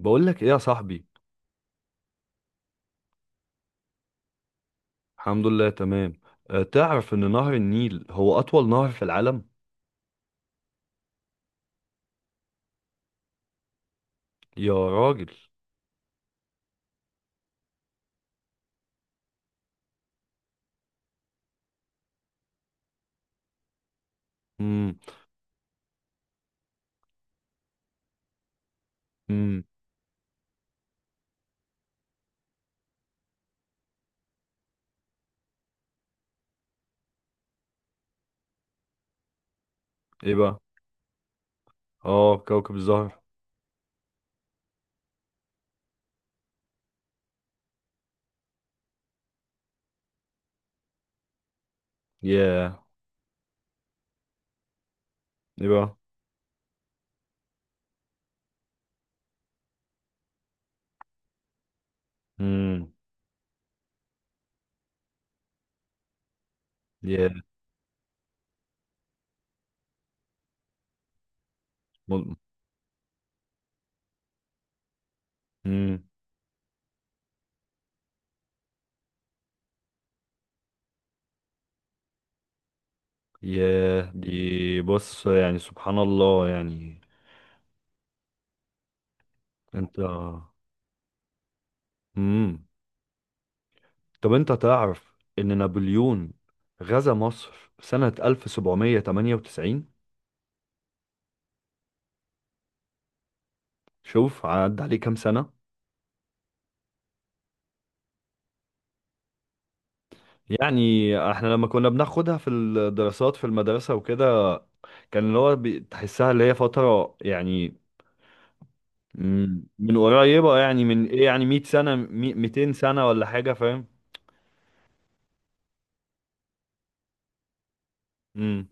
بقول لك ايه يا صاحبي. الحمد لله، تمام. تعرف ان نهر النيل هو اطول نهر في العالم؟ يا راجل. امم. امم. ايه بقى؟ اه، كوكب الزهر. ياه. ايه بقى؟ امم. ياه. امم. ياه، دي بص يعني سبحان الله يعني. انت. امم. طب انت تعرف ان نابليون غزا مصر سنة 1798؟ شوف عدى عليه كام سنة يعني. احنا لما كنا بناخدها في الدراسات في المدرسة وكده، كان اللي هو تحسها اللي هي فترة، يعني. مم، من قريبة، يعني من ايه، يعني 100 سنة 200 سنة ولا حاجة، فاهم؟ امم.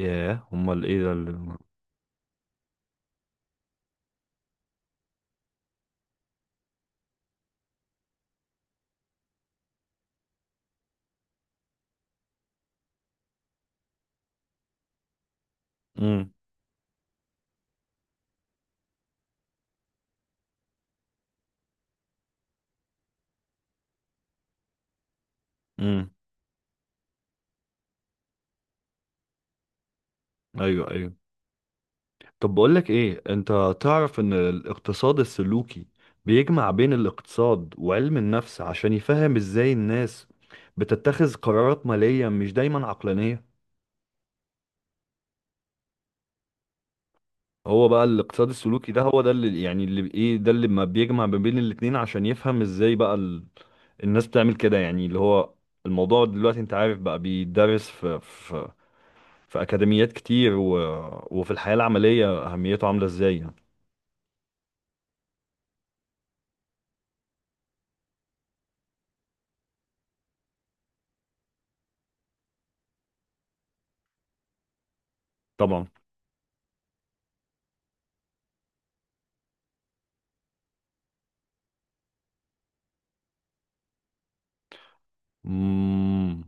ياه، امال ايه ده اللي... امم. امم. ايوه، ايوه. طب بقول لك ايه، انت تعرف ان الاقتصاد السلوكي بيجمع بين الاقتصاد وعلم النفس عشان يفهم ازاي الناس بتتخذ قرارات مالية مش دايما عقلانية؟ هو بقى الاقتصاد السلوكي ده، هو ده اللي يعني، اللي ايه، ده اللي ما بيجمع ما بين الاتنين عشان يفهم ازاي بقى الناس بتعمل كده، يعني اللي هو الموضوع دلوقتي، انت عارف بقى، بيدرس في اكاديميات كتير و... وفي الحياة العملية اهميته عاملة ازاي، يعني. طبعا. امم.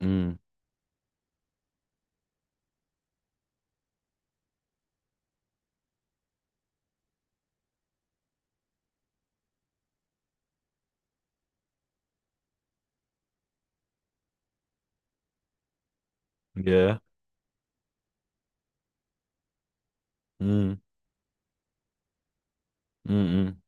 امم. ياه. امم. امم.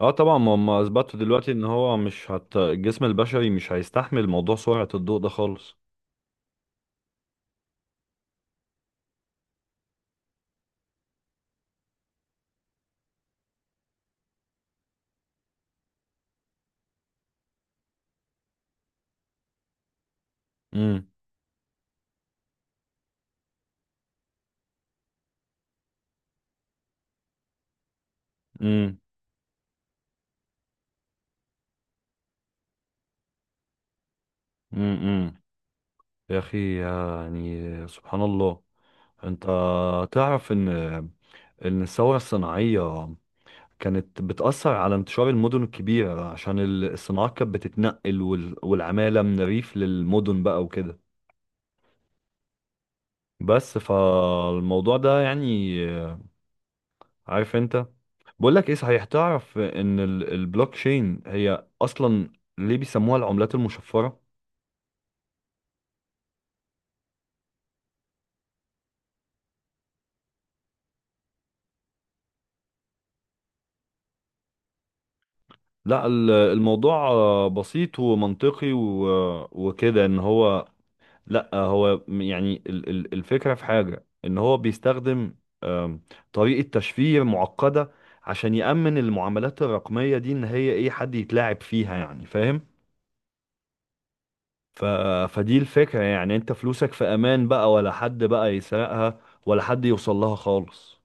اه طبعا، ما هم اثبتوا دلوقتي ان هو مش هت... الجسم البشري مش هيستحمل موضوع سرعة الضوء ده خالص. امم. امم. يا أخي، يعني سبحان الله. أنت تعرف إن الثورة الصناعية كانت بتأثر على انتشار المدن الكبيرة عشان الصناعات كانت بتتنقل، والعمالة من الريف للمدن بقى وكده. بس فالموضوع ده، يعني. عارف أنت. بقول لك إيه، صحيح تعرف إن البلوك تشين هي أصلا ليه بيسموها العملات المشفرة؟ لا، الموضوع بسيط ومنطقي وكده. إن هو لا، هو يعني الفكرة في حاجة ان هو بيستخدم آم، طريقة تشفير معقدة، عشان يأمن المعاملات الرقمية دي ان هي ايه حد يتلاعب فيها، يعني فاهم؟ ف... فدي الفكرة، يعني انت فلوسك في امان بقى، ولا حد بقى يسرقها ولا حد يوصل لها خالص.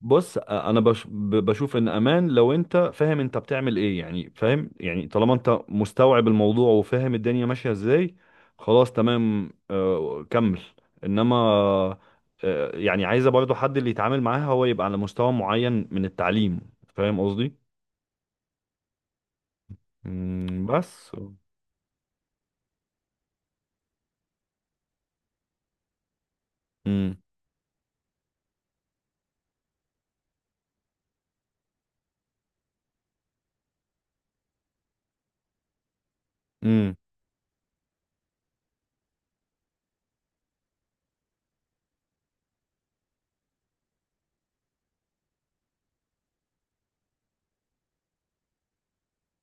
بص، انا بشوف ان امان لو انت فاهم انت بتعمل ايه، يعني فاهم؟ يعني طالما انت مستوعب الموضوع وفاهم الدنيا ماشية ازاي، خلاص تمام. كمل. انما يعني عايزة برضو حد اللي يتعامل معاها هو يبقى على مستوى معين من التعليم، فاهم قصدي؟ مم، بس. مم. مم.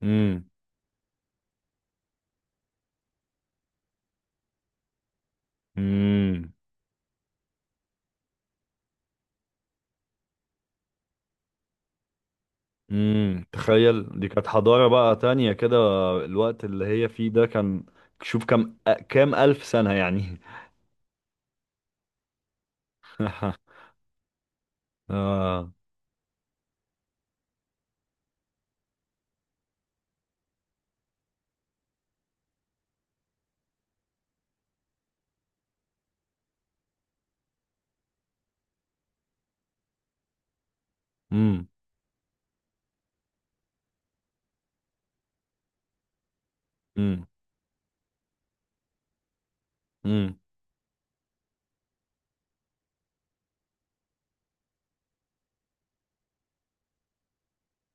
مم. مم. امم، تخيل، دي كانت حضارة بقى تانية كده. الوقت اللي هي فيه ده كان شوف كام ألف سنة يعني. آه. امم. امم. امم.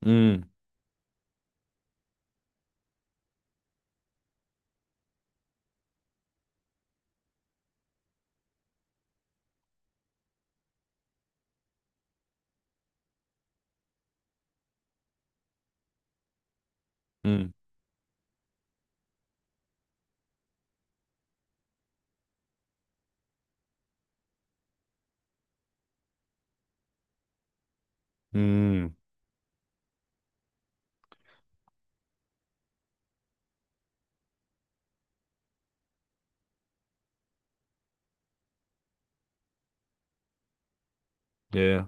امم. امم. امم. yeah.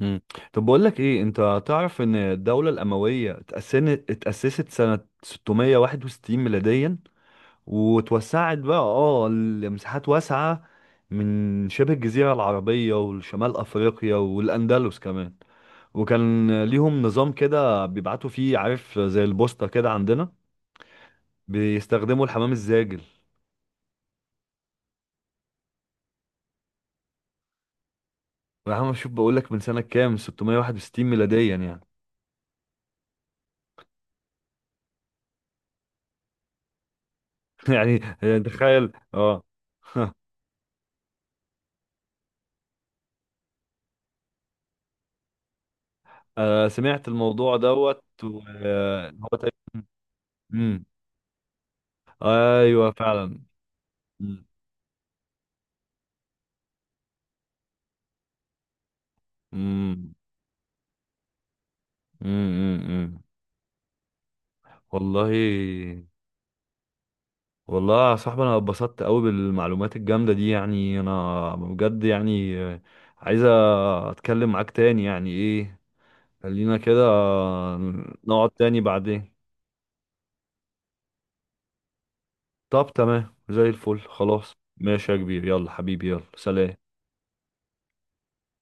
امم. طب بقول لك ايه، انت تعرف ان الدولة الأموية اتأسست سنة 661 ميلاديا، وتوسعت بقى لمساحات واسعة من شبه الجزيرة العربية والشمال أفريقيا والأندلس كمان؟ وكان ليهم نظام كده بيبعتوا فيه، عارف، زي البوسطة كده عندنا. بيستخدموا الحمام الزاجل. يا عم شوف، بقول لك من سنة كام؟ 661 ميلاديا، يعني. يعني تخيل، اه. سمعت الموضوع دوت هو تقريبا. امم. ايوه فعلا. امم. امم. امم. والله. والله يا صاحبي، انا اتبسطت قوي بالمعلومات الجامده دي، يعني انا بجد يعني. عايز اتكلم معاك تاني، يعني ايه. خلينا كده، نقعد تاني بعدين. طب تمام، زي الفل. خلاص، ماشي يا كبير. يلا حبيبي، يلا، سلام.